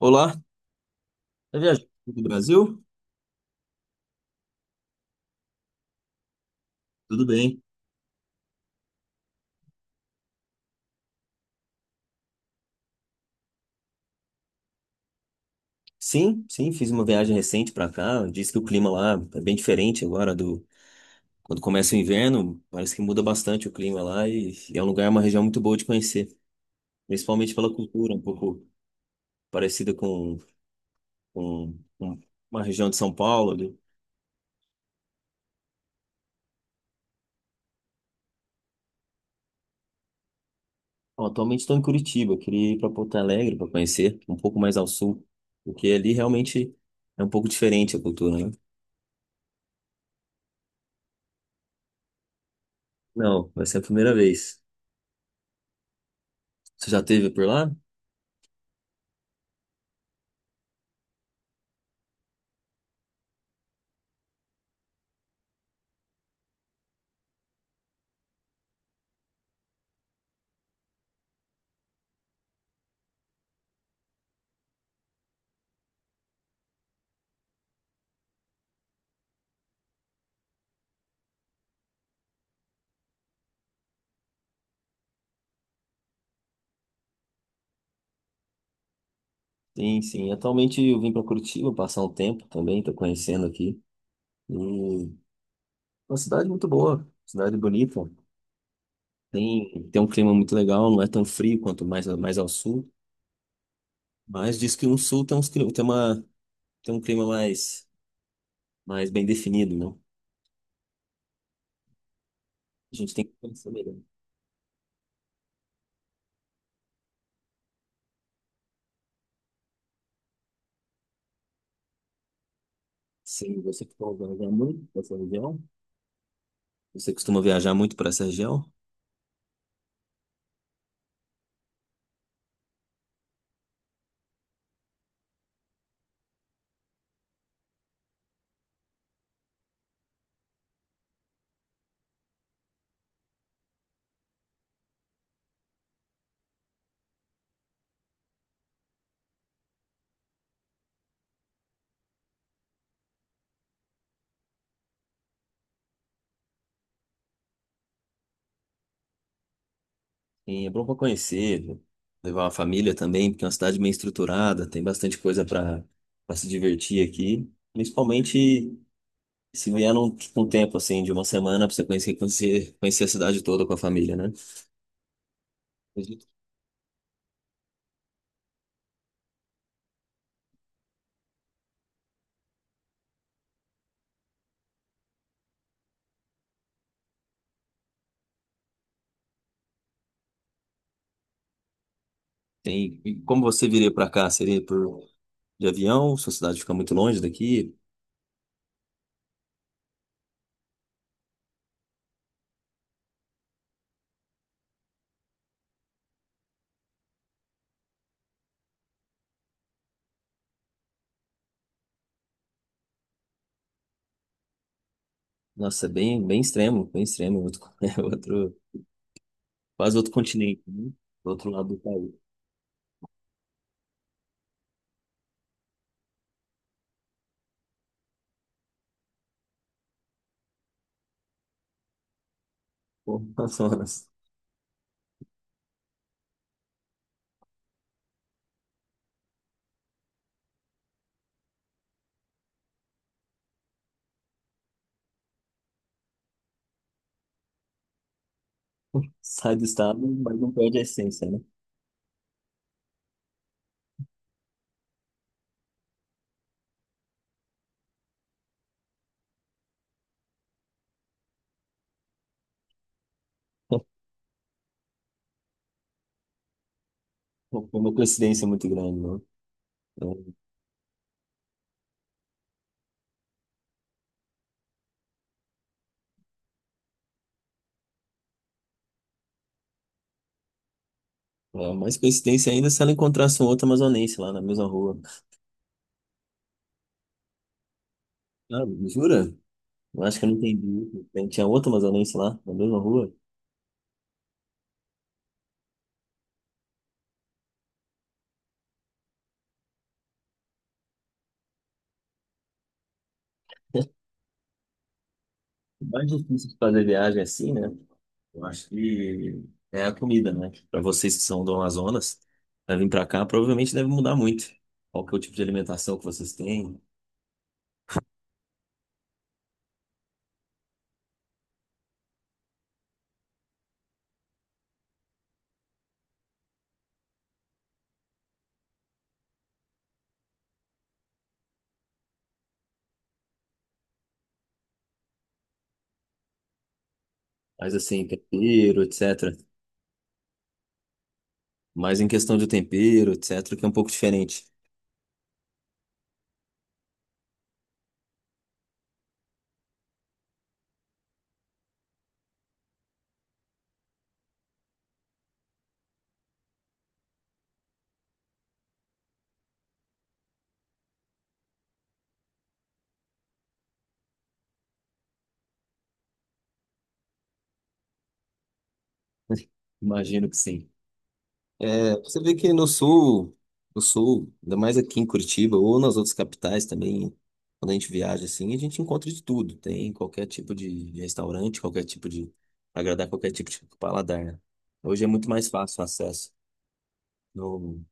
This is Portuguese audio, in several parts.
Olá, tá viajando do Brasil? Tudo bem? Sim, sim, fiz uma viagem recente para cá. Diz que o clima lá é bem diferente agora do quando começa o inverno. Parece que muda bastante o clima lá e é um lugar, uma região muito boa de conhecer, principalmente pela cultura, um pouco parecida com uma região de São Paulo ali. Bom, atualmente estou em Curitiba, queria ir para Porto Alegre para conhecer, um pouco mais ao sul, porque ali realmente é um pouco diferente a cultura, né? Não, vai ser a primeira vez. Você já esteve por lá? Sim, sim. Atualmente eu vim para Curitiba passar um tempo também, estou conhecendo aqui. E uma cidade muito boa, cidade bonita. Tem um clima muito legal, não é tão frio quanto mais, mais ao sul. Mas diz que no sul tem, uns, tem um clima mais, mais bem definido, né? A gente tem que conhecer melhor. Sim, você costuma viajar muito para essa região? Você costuma viajar muito para essa região? Sim, é bom para conhecer, levar uma família também, porque é uma cidade bem estruturada, tem bastante coisa para se divertir aqui. Principalmente se vier num, tipo, um tempo assim, de uma semana, para você conhecer a cidade toda com a família, né? Acredito que tem, e como você viria para cá? Seria por de avião? Sua cidade fica muito longe daqui? Nossa, é bem, bem extremo, outro, é outro, quase outro continente, né? Do outro lado do país. Pô, Amazonas. Sai do estado, mas não perde a essência, né? Não foi uma coincidência muito grande, não. Não, mais coincidência ainda se ela encontrasse um outro amazonense lá na mesma rua. Ah, jura? Eu acho que eu não entendi. Tinha outro amazonense lá na mesma rua. O mais difícil de fazer viagem assim, né? Eu acho que é a comida, né? Para vocês que são do Amazonas, para vir para cá, provavelmente deve mudar muito. Qual que é o tipo de alimentação que vocês têm? Mais assim, tempero, etc. Mais em questão de tempero, etc., que é um pouco diferente. Imagino que sim. É, você vê que no sul, ainda mais aqui em Curitiba ou nas outras capitais também, quando a gente viaja assim, a gente encontra de tudo. Tem qualquer tipo de restaurante, qualquer tipo de agradar qualquer tipo de paladar, né? Hoje é muito mais fácil o acesso. Não-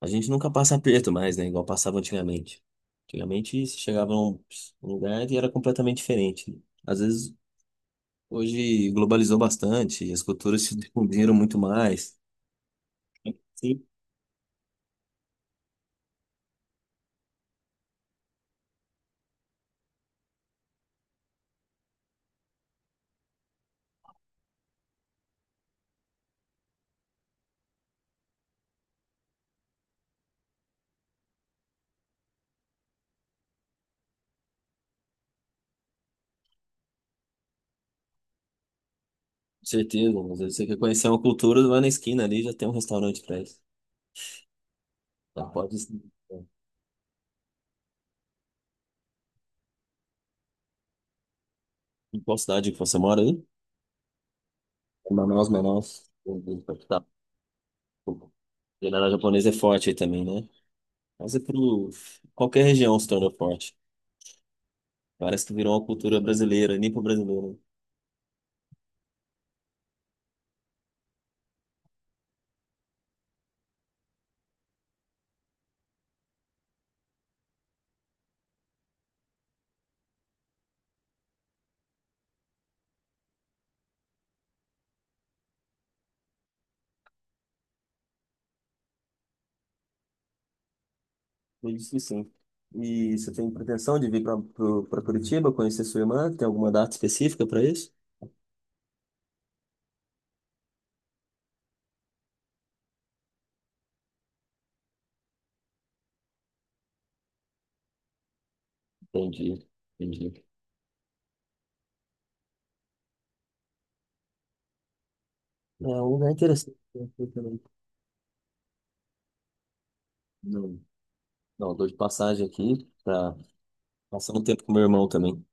a gente nunca passa aperto mais, né? Igual passava antigamente. Antigamente você chegava num lugar e era completamente diferente, né? Às vezes hoje globalizou bastante, as culturas se difundiram muito mais. Certeza, mas aí você quer conhecer uma cultura, vai na esquina ali, já tem um restaurante pra isso. Já pode, sim. Em qual cidade que você mora aí? Manaus, Manaus. Tá. Culinária japonesa é forte aí também, né? Mas é pro... qualquer região se torna forte. Parece que virou uma cultura brasileira, nem pro brasileiro. Eu disse sim. E você tem pretensão de vir para Curitiba conhecer sua irmã? Tem alguma data específica para isso? Entendi, entendi. É um lugar interessante, né? Eu também. Não, não, dou de passagem aqui para passando um tempo com meu irmão também.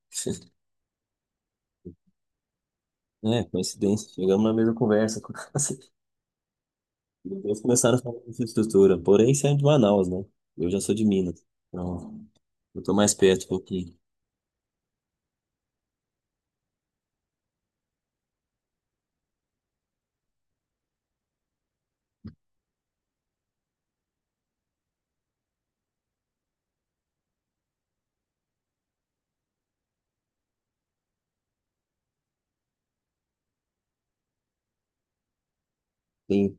É, coincidência. Chegamos na mesma conversa. Assim, eles começaram a falar de infraestrutura. Porém, isso é de Manaus, né? Eu já sou de Minas. Então, eu tô mais perto um pouquinho. Sim.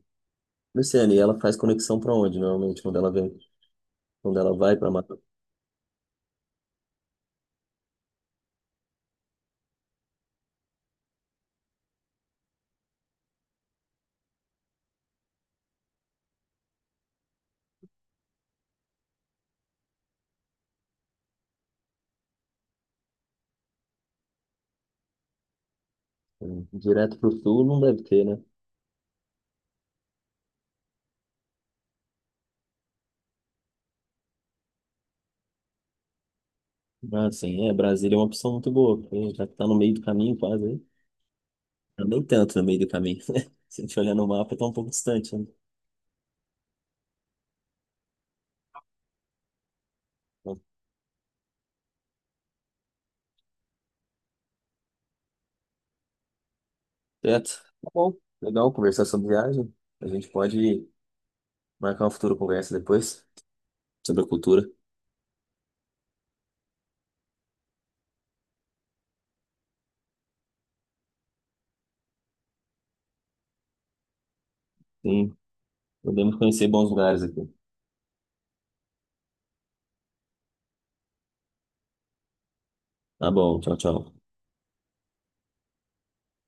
Luciane, e ela faz conexão pra onde, normalmente, quando ela vem, quando ela vai pra Mata? Direto pro sul não deve ter, né? Ah, sim, é. Brasília é uma opção muito boa, porque já que tá no meio do caminho, quase aí. Não, nem tanto no meio do caminho, né? Se a gente olhar no mapa, tá um pouco distante, né? Então, certo. Tá bom. Legal conversar sobre viagem. A gente pode marcar uma futura conversa depois sobre a cultura. Sim, podemos conhecer bons lugares aqui. Tá bom, tchau, tchau.